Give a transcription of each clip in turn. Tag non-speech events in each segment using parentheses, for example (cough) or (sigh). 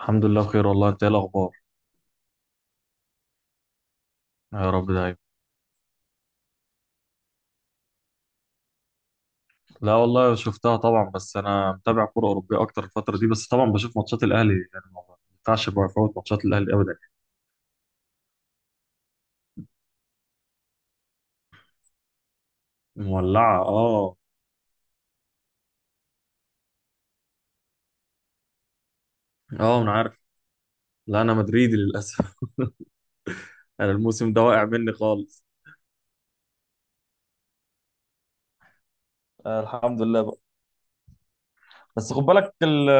الحمد لله بخير والله. انت ايه الاخبار؟ يا رب دايما. لا والله شفتها طبعا، بس انا متابع كوره اوروبيه اكتر الفتره دي، بس طبعا بشوف ماتشات الاهلي، يعني ما ينفعش بقى افوت ماتشات الاهلي ابدا. مولعه اه. اه انا عارف. لا انا مدريدي للاسف. (laughs) انا الموسم ده واقع مني خالص. آه الحمد لله بقى. بس خد بالك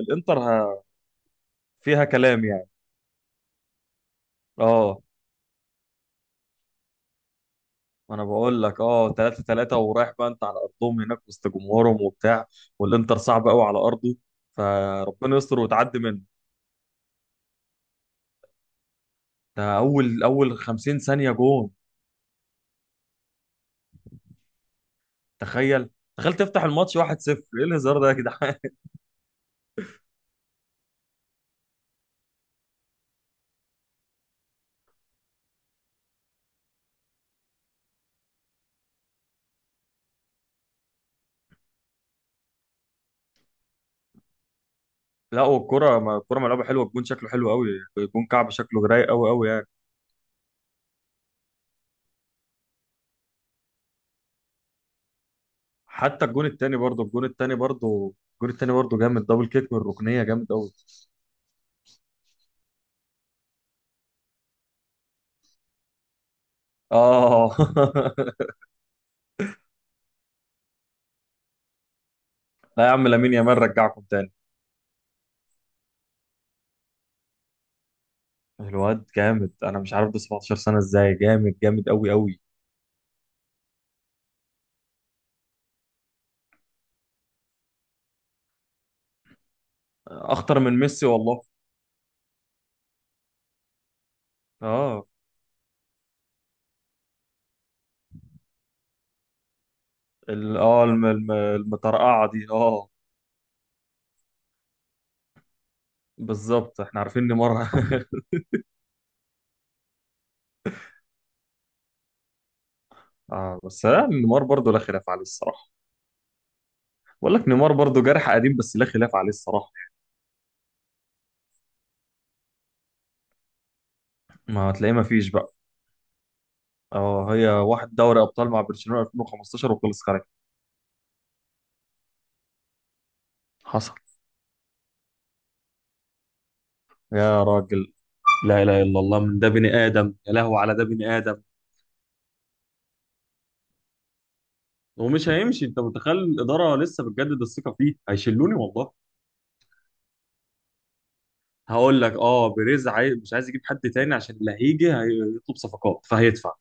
الانتر فيها كلام يعني. اه ما انا بقول لك 3-3 ورايح بقى، انت على ارضهم هناك وسط جمهورهم وبتاع، والانتر صعب قوي على ارضه، فربنا يستر وتعدي منه. ده اول اول 50 ثانيه جون. تخيل. تخيل تفتح الماتش 1-0! ايه الهزار ده يا جدعان؟ (laughs) لا والكره، ما الكره ملعوبه حلوه، الجون شكله حلو قوي. الجون كعب، شكله رايق قوي قوي يعني. حتى الجون التاني برضه، الجون التاني برضه جامد، دبل كيك من الركنيه، جامد قوي. اه. (laughs) لا يا عم، لامين يامال رجعكم تاني. الواد جامد، انا مش عارف ده 17 سنه ازاي، جامد جامد قوي قوي، اخطر من ميسي والله. اه المطرقعه دي اه. بالظبط، احنا عارفين نيمار. (laughs) اه بس لا، نيمار برضه لا خلاف عليه الصراحه. بقول لك نيمار برضه جارح قديم، بس لا خلاف عليه الصراحه. ما هتلاقيه، ما فيش بقى. اه، هي واحد دوري ابطال مع برشلونه 2015 وخلص خارج. حصل. يا راجل، لا اله الا الله من ده بني ادم، يا لهوي على ده بني ادم. ومش هيمشي، انت متخيل الاداره لسه بتجدد الثقه فيه؟ هيشلوني والله. هقول لك، اه بيريز عايز، مش عايز يجيب حد تاني، عشان اللي هيجي هيطلب صفقات فهيدفع.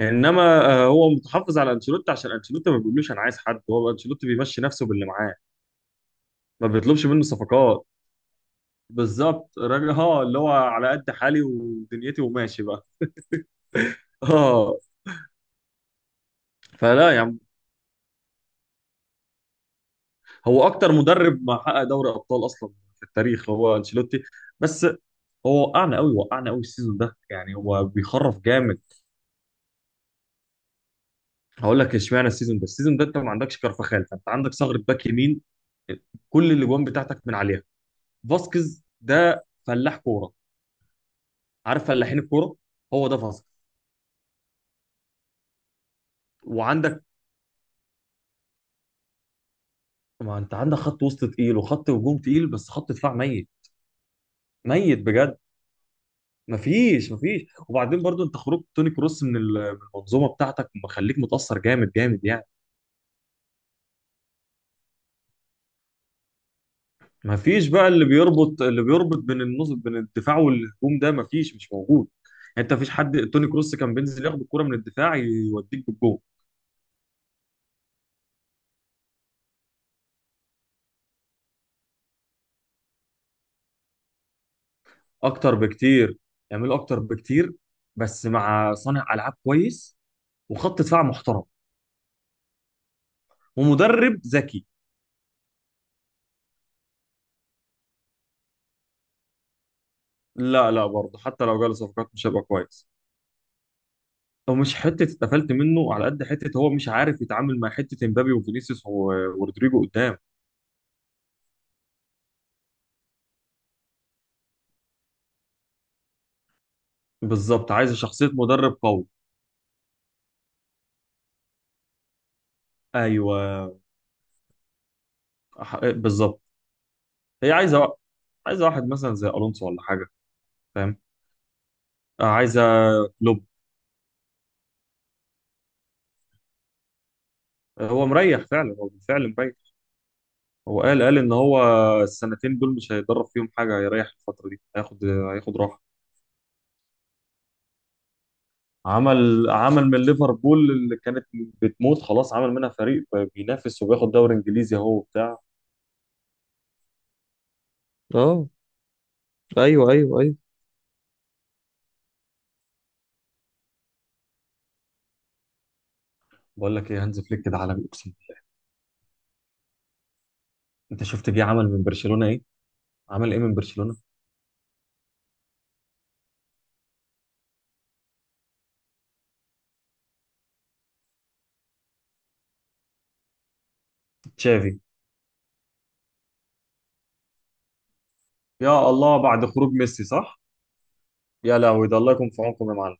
انما آه، هو متحفظ على انشيلوتي عشان انشيلوتي ما بيقولوش انا عايز حد، هو انشيلوتي بيمشي نفسه باللي معاه، ما بيطلبش منه صفقات. بالظبط، الراجل اه اللي هو على قد حالي ودنيتي وماشي بقى. (laughs) اه. فلا يا عم، هو اكتر مدرب ما حقق دوري ابطال اصلا في التاريخ هو انشيلوتي. بس هو وقعنا قوي، وقعنا قوي السيزون ده يعني، هو بيخرف جامد. هقول لك اشمعنى السيزون ده، السيزون ده انت ما عندكش كارفخال، فانت عندك ثغره باك يمين، كل الاجوان بتاعتك من عليها. فاسكيز ده فلاح كوره، عارف فلاحين الكوره؟ هو ده فاسكيز. وعندك، ما انت عندك خط وسط تقيل وخط هجوم تقيل، بس خط دفاع ميت، ميت بجد. مفيش، وبعدين برضو انت خروج توني كروس من من المنظومه بتاعتك مخليك متاثر جامد جامد يعني. مفيش بقى اللي بيربط بين النص، بين الدفاع والهجوم، ده مفيش، مش موجود. يعني انت مفيش حد، توني كروس كان بينزل ياخد الكرة من الدفاع يوديك بالجول. اكتر بكتير، يعمل اكتر بكتير. بس مع صانع العاب كويس، وخط دفاع محترم، ومدرب ذكي. لا لا، برضه حتى لو جاله صفقات مش هيبقى كويس. هو مش حته اتقفلت منه على قد حته هو مش عارف يتعامل مع حته امبابي وفينيسيوس ورودريجو قدام. بالظبط، عايز شخصيه، مدرب قوي. ايوه. بالظبط. هي عايزه وا- عايزه واحد مثلا زي الونسو ولا حاجه. فاهم. آه، عايزه كلوب. هو مريح فعلا، هو بالفعل مريح. هو قال ان هو السنتين دول مش هيدرب فيهم حاجه، هيريح الفتره دي، هياخد راحه. عمل من ليفربول اللي كانت بتموت خلاص عمل منها فريق بينافس وبياخد دوري انجليزي اهو بتاع. اه. ايوه ايوه ايوه. بقول لك ايه، هانز فليك ده عالمي اقسم بالله. انت شفت جه عمل من برشلونه ايه؟ عمل ايه من برشلونه. تشافي. يا الله، بعد خروج ميسي صح. يا لهوي، ده الله يكون في عونكم يا معلم.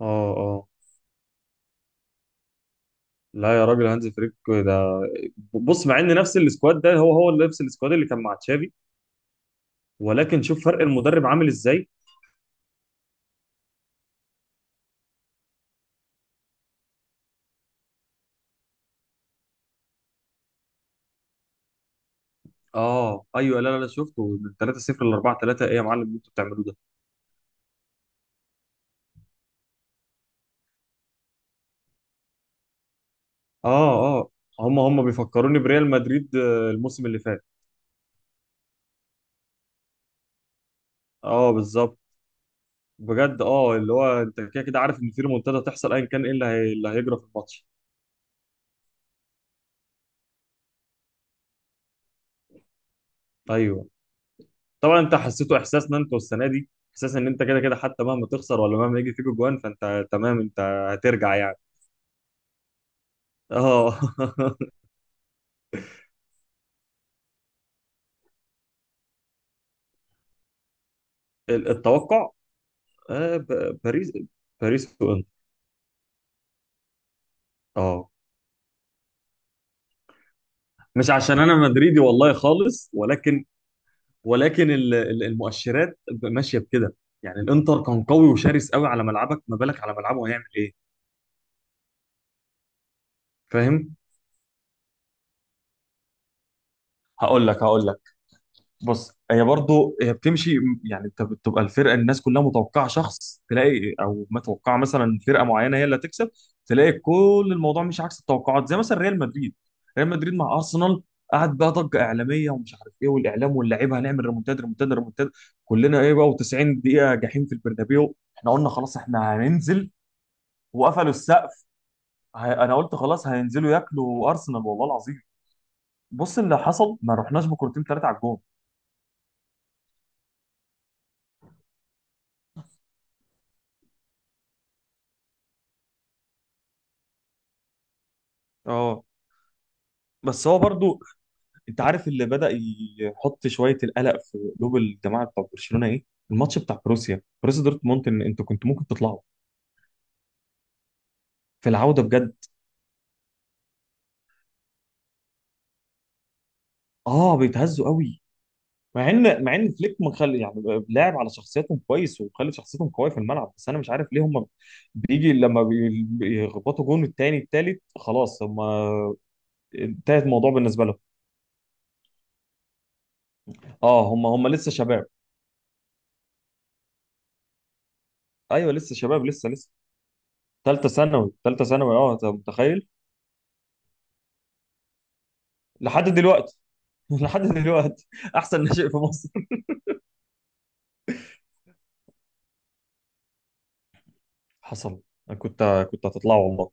اه اه. لا يا راجل، هانز فليك ده، بص، مع ان نفس السكواد ده، هو نفس السكواد اللي كان مع تشافي، ولكن شوف فرق المدرب عامل ازاي. اه ايوه. لا لا لا، شفته من 3-0 ل 4-3، ايه يا معلم اللي انتوا بتعملوه ده؟ اه. اه هم بيفكروني بريال مدريد آه، الموسم اللي فات. اه بالظبط. بجد، اه اللي هو انت كده كده عارف ان في ريمونتادا هتحصل ايا كان ايه اللي هيجرى في الماتش. ايوه. طبعا انت حسيته، احساس ان انت السنه دي، احساس ان انت كده كده حتى مهما تخسر ولا مهما يجي فيك جوان فانت تمام، انت هترجع يعني. اه. (laughs) التوقع، باريس، باريس وانتر. اه. مش عشان انا مدريدي والله خالص، ولكن، ولكن المؤشرات ماشيه بكده. يعني الانتر كان قوي وشرس قوي على ملعبك، ما بالك على ملعبه هيعمل ايه؟ فاهم. هقول لك. بص، هي برضه بتمشي، يعني انت بتبقى الفرقه، الناس كلها متوقعه شخص، تلاقي او متوقعه مثلا فرقه معينه هي اللي هتكسب، تلاقي كل الموضوع مش عكس التوقعات، زي مثلا ريال مدريد. ريال مدريد مع ارسنال، قعد بقى ضجه اعلاميه ومش عارف ايه، والاعلام واللعيبه، هنعمل ريمونتاد ريمونتاد ريمونتاد، كلنا ايه بقى، و90 دقيقه جحيم في البرنابيو، احنا قلنا خلاص احنا هننزل، وقفلوا السقف. انا قلت خلاص هينزلوا ياكلوا ارسنال والله العظيم. بص اللي حصل، ما رحناش بكرتين ثلاثه على الجون. اه بس هو برضو، انت عارف اللي بدأ يحط شويه القلق في قلوب الجماعه بتاع برشلونه ايه؟ الماتش بتاع بروسيا دورتموند، ان انتوا كنتوا ممكن تطلعوا في العوده بجد. اه بيتهزوا قوي. مع ان فليك مخلي يعني لاعب على شخصيتهم كويس، ومخلي شخصيتهم قويه في الملعب، بس انا مش عارف ليه هم بيجي لما بيخبطوا جون التاني التالت خلاص هم، انتهى الموضوع بالنسبه لهم. اه هم لسه شباب. ايوه لسه شباب، لسه لسه. ثالثه ثانوي، ثالثه ثانوي، اه انت متخيل. لحد دلوقتي. (laughs) لحد دلوقتي. احسن ناشئ في مصر. حصل. كنت هتطلع والله.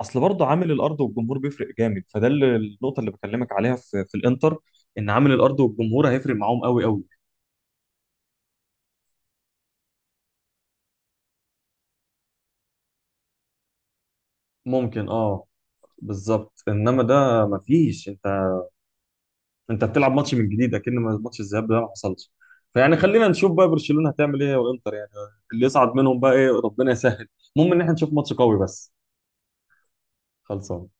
اصل برضه عامل الارض والجمهور بيفرق جامد، فده اللي النقطه اللي بكلمك عليها في الانتر، ان عامل الارض والجمهور هيفرق معاهم قوي قوي. ممكن اه. بالظبط، انما ده مفيش، انت، انت بتلعب ماتش من جديد، اكن ماتش الذهاب ده ما حصلش. فيعني خلينا نشوف بقى برشلونه هتعمل ايه والانتر يعني، اللي يصعد منهم بقى ايه، ربنا يسهل. المهم ان احنا نشوف ماتش قوي بس. خلصان